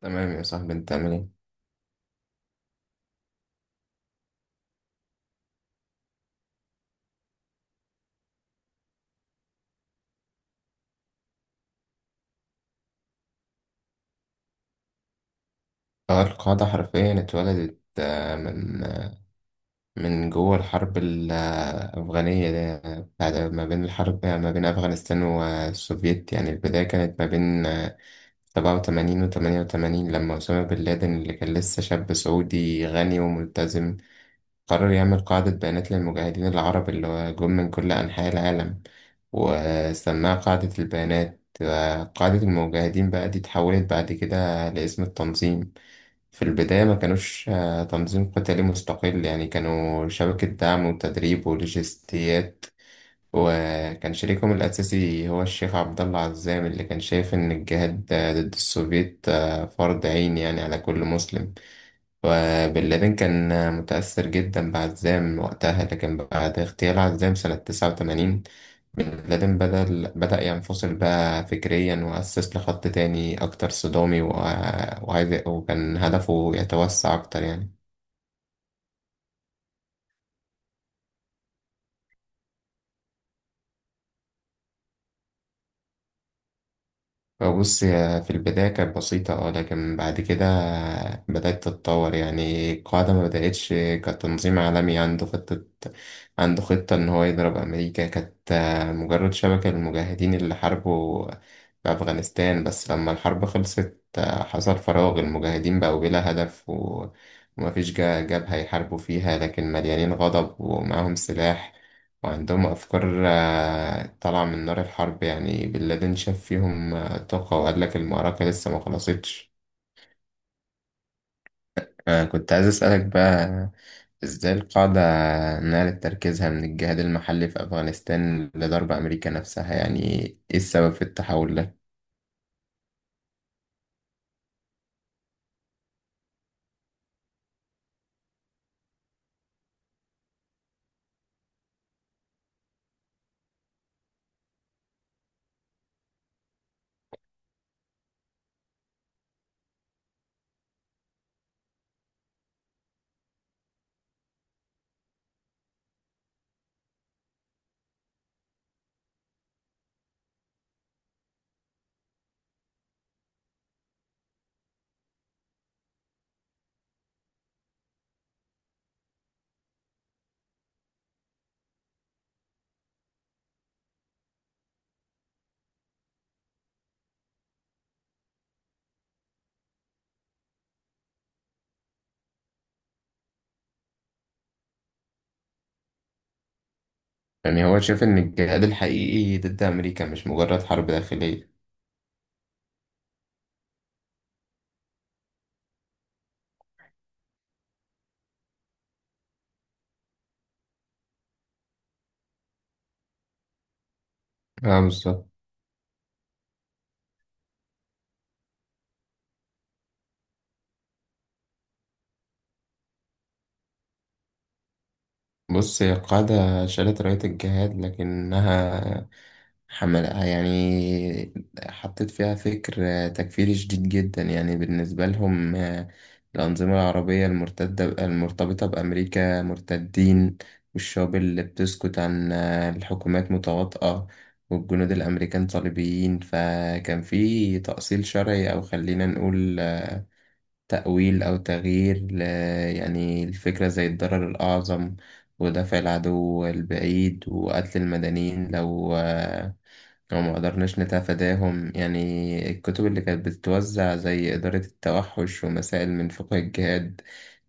تمام يا صاحبي، انت عامل ايه؟ اه القاعدة حرفيا اتولدت، من جوه الحرب الأفغانية دي، بعد ما بين أفغانستان والسوفيت. يعني البداية كانت ما بين 87 وتمانية وتمانين، لما أسامة بن لادن اللي كان لسه شاب سعودي غني وملتزم قرر يعمل قاعدة بيانات للمجاهدين العرب اللي هو جم من كل أنحاء العالم، وسماها قاعدة البيانات. قاعدة المجاهدين بقى دي اتحولت بعد كده لاسم التنظيم. في البداية ما كانوش تنظيم قتالي مستقل، يعني كانوا شبكة دعم وتدريب ولوجستيات. وكان شريكهم الأساسي هو الشيخ عبد الله عزام، اللي كان شايف إن الجهاد ضد السوفيت فرض عين يعني على كل مسلم. وبن لادن كان متأثر جدا بعزام وقتها، لكن بعد اغتيال عزام سنة 89، بن لادن بدأ ينفصل بقى فكريا، وأسس لخط تاني أكتر صدامي، وعايز، وكان هدفه يتوسع أكتر يعني. بص، هي في البداية كانت بسيطة، اه، لكن بعد كده بدأت تتطور. يعني القاعدة ما بدأتش كتنظيم عالمي عنده خطة إن هو يضرب أمريكا. كانت مجرد شبكة للمجاهدين اللي حاربوا في أفغانستان، بس لما الحرب خلصت حصل فراغ. المجاهدين بقوا بلا هدف ومفيش جبهة يحاربوا فيها، لكن مليانين غضب ومعاهم سلاح وعندهم أفكار طالعة من نار الحرب. يعني بن لادن شاف فيهم الطاقة وقال لك المعركة لسه ما خلصتش. آه، كنت عايز أسألك بقى، إزاي القاعدة نقلت تركيزها من الجهاد المحلي في أفغانستان لضرب أمريكا نفسها؟ يعني إيه السبب في التحول ده؟ يعني هو شاف إن الجهاد الحقيقي ضد أمريكا مش مجرد حرب داخلية. اه، بالظبط. بص، هي القاعدة شالت راية الجهاد، لكنها حملها يعني، حطت فيها فكر تكفيري شديد جدا. يعني بالنسبة لهم، الأنظمة العربية المرتدة المرتبطة بأمريكا مرتدين، والشعوب اللي بتسكت عن الحكومات متواطئة، والجنود الأمريكان صليبيين. فكان في تأصيل شرعي، أو خلينا نقول تأويل أو تغيير يعني الفكرة زي الضرر الأعظم ودفع العدو البعيد وقتل المدنيين، لو ما قدرناش نتفاداهم. يعني الكتب اللي كانت بتتوزع زي إدارة التوحش ومسائل من فقه الجهاد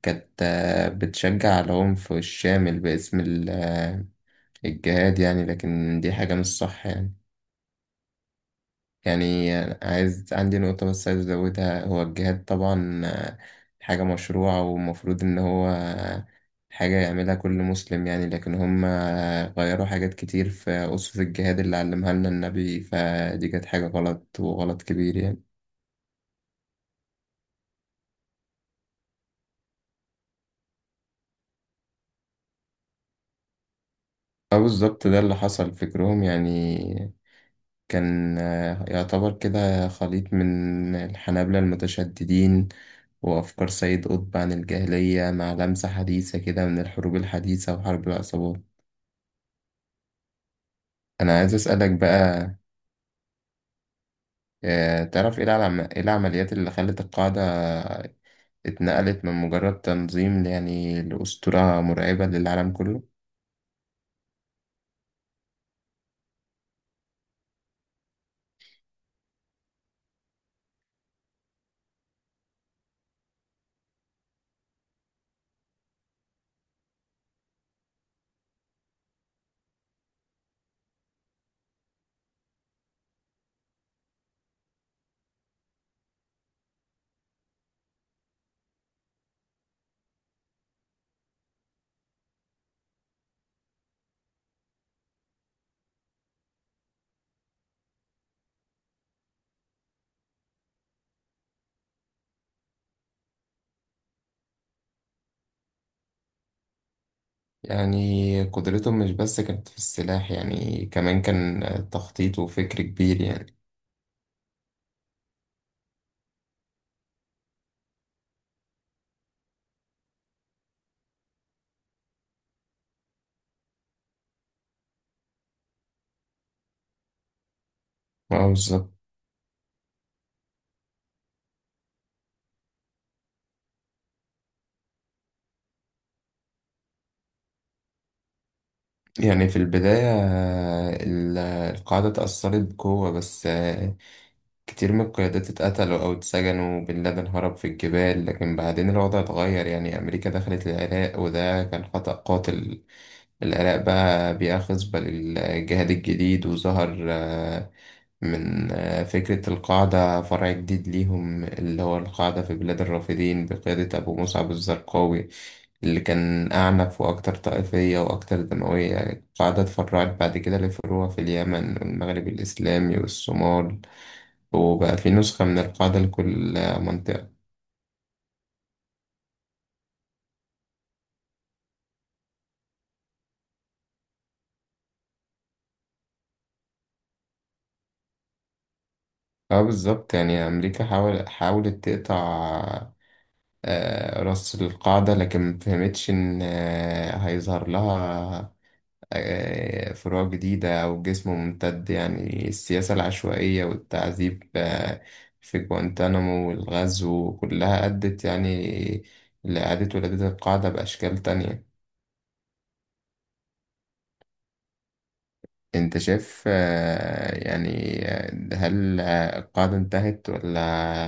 كانت بتشجع على العنف الشامل باسم الجهاد يعني، لكن دي حاجة مش صح يعني. يعني عايز، عندي نقطة بس عايز أزودها: هو الجهاد طبعا حاجة مشروعة، ومفروض إن هو حاجة يعملها كل مسلم يعني، لكن هم غيروا حاجات كتير في أسس الجهاد اللي علمها لنا النبي، فدي كانت حاجة غلط، وغلط كبير يعني. اه بالظبط، ده اللي حصل. فكرهم يعني كان يعتبر كده خليط من الحنابلة المتشددين وأفكار سيد قطب عن الجاهلية، مع لمسة حديثة كده من الحروب الحديثة وحرب العصابات. أنا عايز أسألك بقى، تعرف إيه إيه العمليات اللي خلت القاعدة اتنقلت من مجرد تنظيم يعني لأسطورة مرعبة للعالم كله؟ يعني قدرتهم مش بس كانت في السلاح، يعني كمان كان تخطيط وفكر كبير يعني. اه بالظبط. يعني في البداية القاعدة اتأثرت بقوة، بس كتير من القيادات اتقتلوا أو اتسجنوا، وبن لادن هرب في الجبال. لكن بعدين الوضع اتغير، يعني أمريكا دخلت العراق، وده كان خطأ قاتل. العراق بقى بيئة خصبة للجهاد الجديد، وظهر من فكرة القاعدة فرع جديد ليهم، اللي هو القاعدة في بلاد الرافدين بقيادة أبو مصعب الزرقاوي، اللي كان أعنف وأكتر طائفية وأكتر دموية. القاعدة اتفرعت بعد كده لفروع في اليمن والمغرب الإسلامي والصومال، وبقى في نسخة من القاعدة لكل منطقة. اه بالظبط، يعني أمريكا حاولت تقطع راس القاعدة، لكن مفهمتش إن هيظهر لها فروع جديدة أو جسم ممتد. يعني السياسة العشوائية والتعذيب في جوانتانامو والغزو، كلها أدت يعني لإعادة ولادة القاعدة بأشكال تانية. أنت شايف، يعني هل القاعدة انتهت، ولا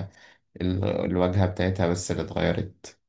الواجهة بتاعتها بس اللي اتغيرت؟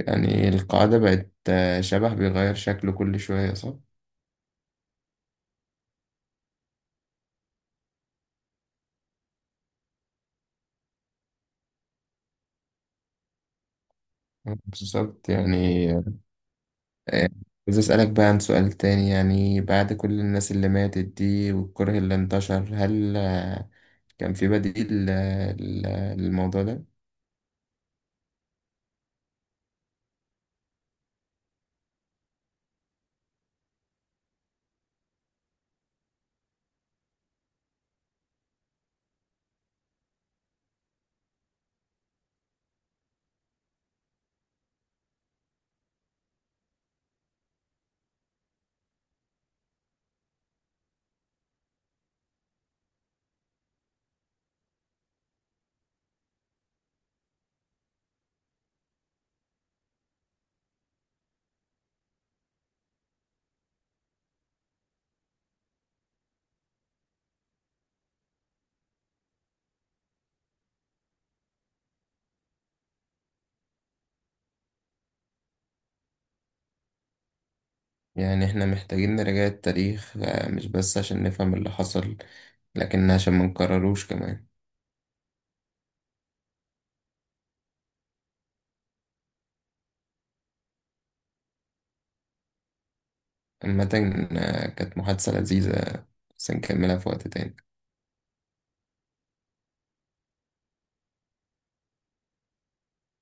يعني القاعدة بقت شبح بيغير شكله كل شوية، صح؟ بالظبط. يعني آه، عايز أسألك بقى عن سؤال تاني: يعني بعد كل الناس اللي ماتت دي والكره اللي انتشر، هل كان في بديل للموضوع ده؟ يعني احنا محتاجين نراجع التاريخ، مش بس عشان نفهم اللي حصل، لكن عشان ما نكرروش كمان. عامة، كانت محادثة لذيذة، بس نكملها في وقت تاني.